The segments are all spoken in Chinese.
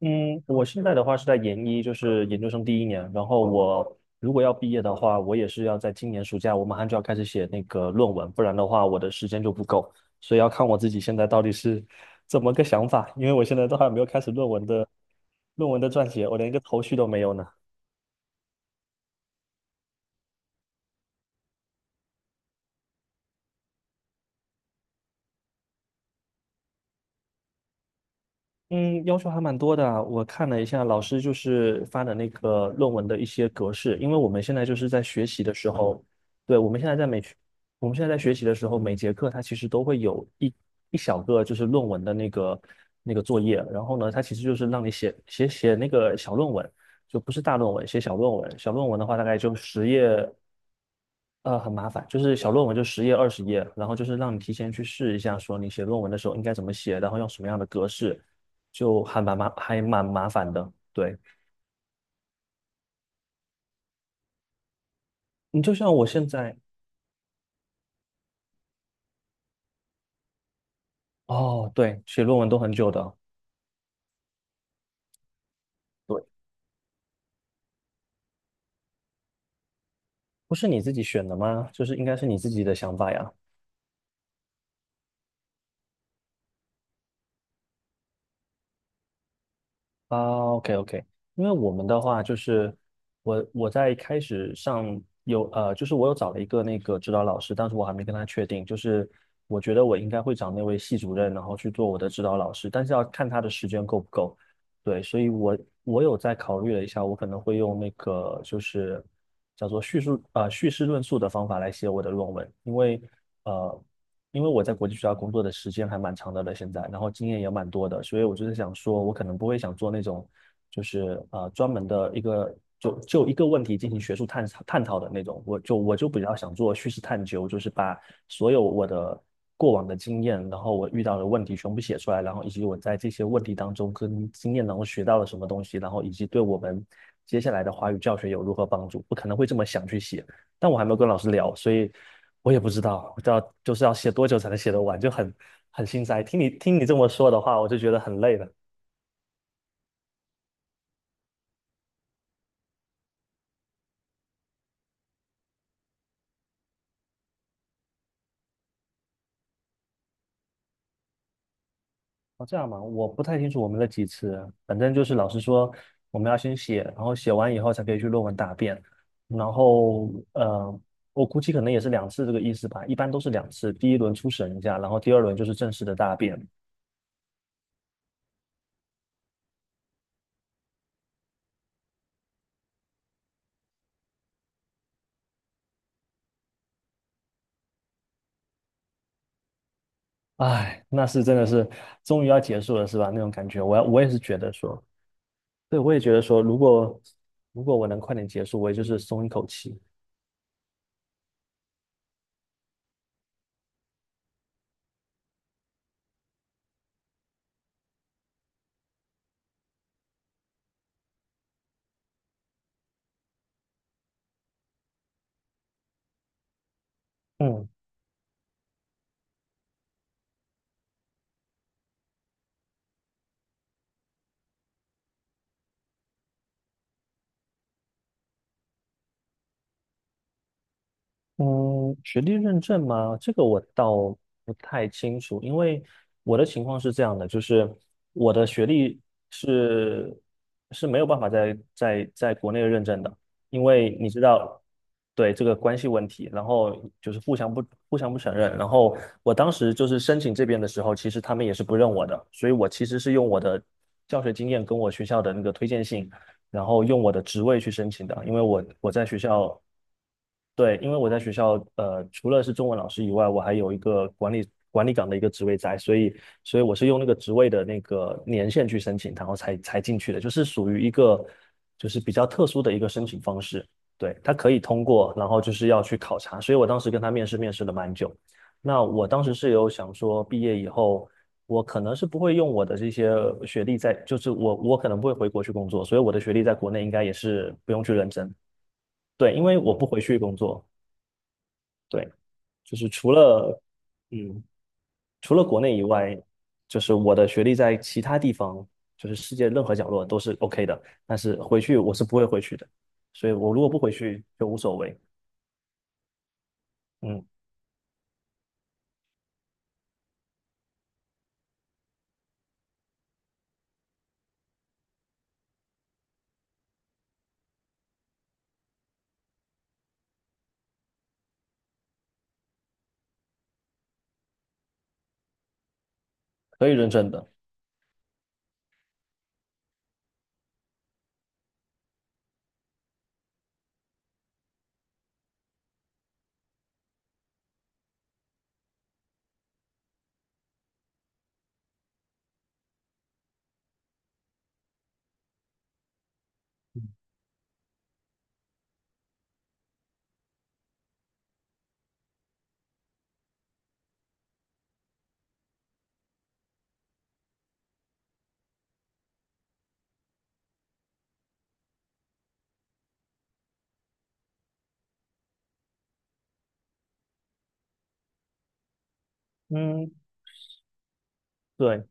嗯，我现在的话是在研一，就是研究生第一年。然后我如果要毕业的话，我也是要在今年暑假，我马上就要开始写那个论文，不然的话我的时间就不够。所以要看我自己现在到底是怎么个想法，因为我现在都还没有开始论文的撰写，我连一个头绪都没有呢。嗯，要求还蛮多的啊。我看了一下老师就是发的那个论文的一些格式，因为我们现在就是在学习的时候，对，我们现在在学习的时候，每节课它其实都会有一小个就是论文的那个作业，然后呢，它其实就是让你写那个小论文，就不是大论文，写小论文。小论文的话大概就十页，很麻烦，就是小论文就十页、二十页，然后就是让你提前去试一下，说你写论文的时候应该怎么写，然后用什么样的格式，就还蛮麻烦的。对，你就像我现在，哦，对，写论文都很久的，对，不是你自己选的吗？就是应该是你自己的想法呀。啊，OK OK。因为我们的话就是我我在开始上有呃，就是我有找了一个那个指导老师，但是我还没跟他确定，就是我觉得我应该会找那位系主任，然后去做我的指导老师，但是要看他的时间够不够。对，所以我我有在考虑了一下，我可能会用那个就是叫做叙事论述的方法来写我的论文，因为呃因为我在国际学校工作的时间还蛮长的了，现在，然后经验也蛮多的，所以我就是想说，我可能不会想做那种，就是专门的一个就一个问题进行学术探探讨的那种，我就比较想做叙事探究，就是把所有我的过往的经验，然后我遇到的问题全部写出来，然后以及我在这些问题当中跟经验当中学到了什么东西，然后以及对我们接下来的华语教学有如何帮助，我可能会这么想去写。但我还没有跟老师聊，所以我也不知道，就是要写多久才能写得完，很心塞。听你这么说的话，我就觉得很累了。哦，这样嘛，我不太清楚我们的几次，反正就是老师说我们要先写，然后写完以后才可以去论文答辩，然后我估计可能也是两次这个意思吧，一般都是两次，第一轮初审一下，然后第二轮就是正式的答辩。唉，那是真的是终于要结束了，是吧？那种感觉，我也是觉得说。对，我也觉得说，如果我能快点结束，我也就是松一口气。嗯，嗯，学历认证吗？这个我倒不太清楚，因为我的情况是这样的，就是我的学历是是没有办法在国内认证的，因为你知道，对这个关系问题，然后就是互相不承认，然后我当时就是申请这边的时候，其实他们也是不认我的，所以我其实是用我的教学经验跟我学校的那个推荐信。然后用我的职位去申请的，因为我在学校，对，因为我在学校，除了是中文老师以外，我还有一个管理岗的一个职位在，所以，所以我是用那个职位的那个年限去申请，然后才进去的，就是属于一个就是比较特殊的一个申请方式。对，他可以通过，然后就是要去考察，所以我当时跟他面试，面试了蛮久。那我当时是有想说，毕业以后我可能是不会用我的这些学历在，我可能不会回国去工作，所以我的学历在国内应该也是不用去认真。对，因为我不回去工作，对，就是除了嗯，除了国内以外，就是我的学历在其他地方，就是世界任何角落都是 OK 的，但是回去我是不会回去的，所以我如果不回去就无所谓，嗯，可以认证的，嗯，对，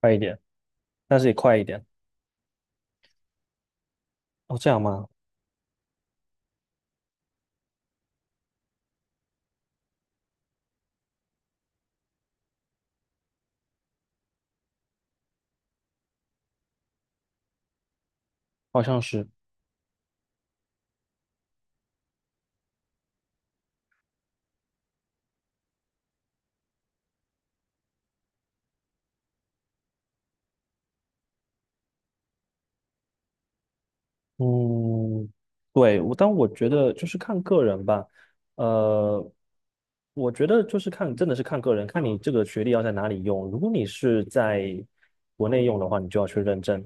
快一点，但是也快一点，哦，这样吗？好像是。嗯，对，但我觉得就是看个人吧。呃，我觉得就是看，真的是看个人，看你这个学历要在哪里用。如果你是在国内用的话，你就要去认证。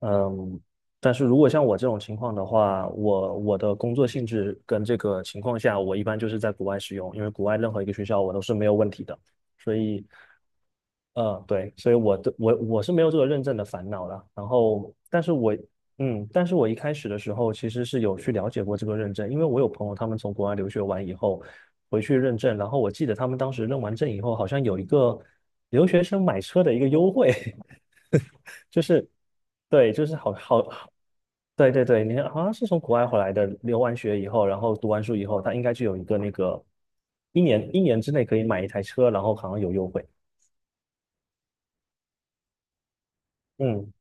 嗯，但是如果像我这种情况的话，我的工作性质跟这个情况下，我一般就是在国外使用，因为国外任何一个学校我都是没有问题的。所以，嗯，对，所以我的我我是没有这个认证的烦恼了。然后，但是我一开始的时候其实是有去了解过这个认证，因为我有朋友他们从国外留学完以后回去认证，然后我记得他们当时认完证以后，好像有一个留学生买车的一个优惠，就是对，就是好好好对对对，你看好像是从国外回来的，留完学以后，然后读完书以后，他应该就有一个那个一年之内可以买一台车，然后好像有优惠。嗯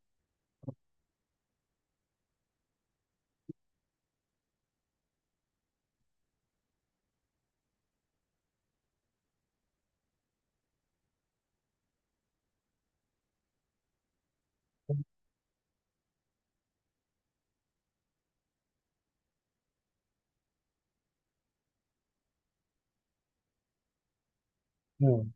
嗯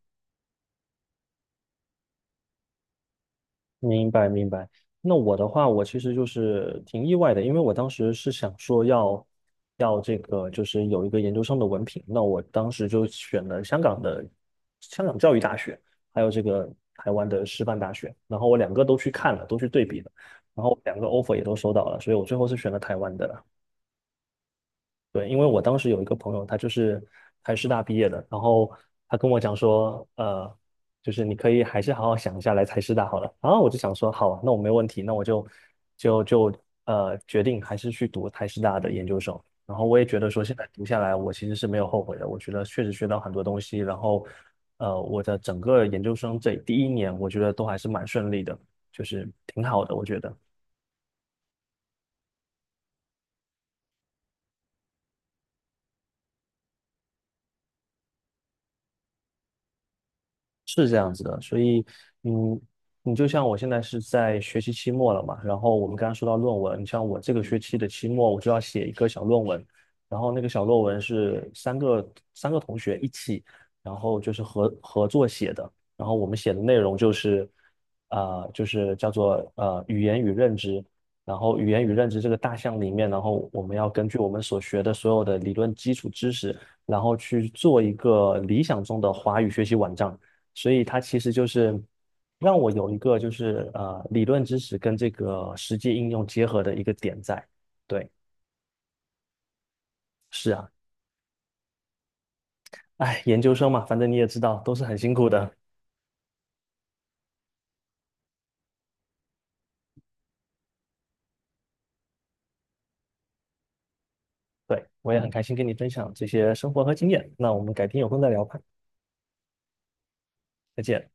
明白明白。那我的话，我其实就是挺意外的，因为我当时是想说要这个，就是有一个研究生的文凭。那我当时就选了香港教育大学，还有这个台湾的师范大学。然后我两个都去看了，都去对比了，然后两个 offer 也都收到了，所以我最后是选了台湾的。对，因为我当时有一个朋友，他就是台师大毕业的，然后他跟我讲说，就是你可以还是好好想一下来台师大好了。然后我就想说，好啊，那我没问题，那我就决定还是去读台师大的研究生。然后我也觉得说，现在读下来，我其实是没有后悔的。我觉得确实学到很多东西，然后我的整个研究生这第一年，我觉得都还是蛮顺利的，就是挺好的，我觉得。是这样子的，所以，嗯，你就像我现在是在学期期末了嘛，然后我们刚刚说到论文，你像我这个学期的期末，我就要写一个小论文，然后那个小论文是三个同学一起，然后就是合作写的，然后我们写的内容就是，啊、就是叫做语言与认知，然后语言与认知这个大项里面，然后我们要根据我们所学的所有的理论基础知识，然后去做一个理想中的华语学习网站。所以它其实就是让我有一个就是理论知识跟这个实际应用结合的一个点在。对，是啊，哎，研究生嘛，反正你也知道，都是很辛苦的。对，我也很开心跟你分享这些生活和经验。那我们改天有空再聊吧，再见。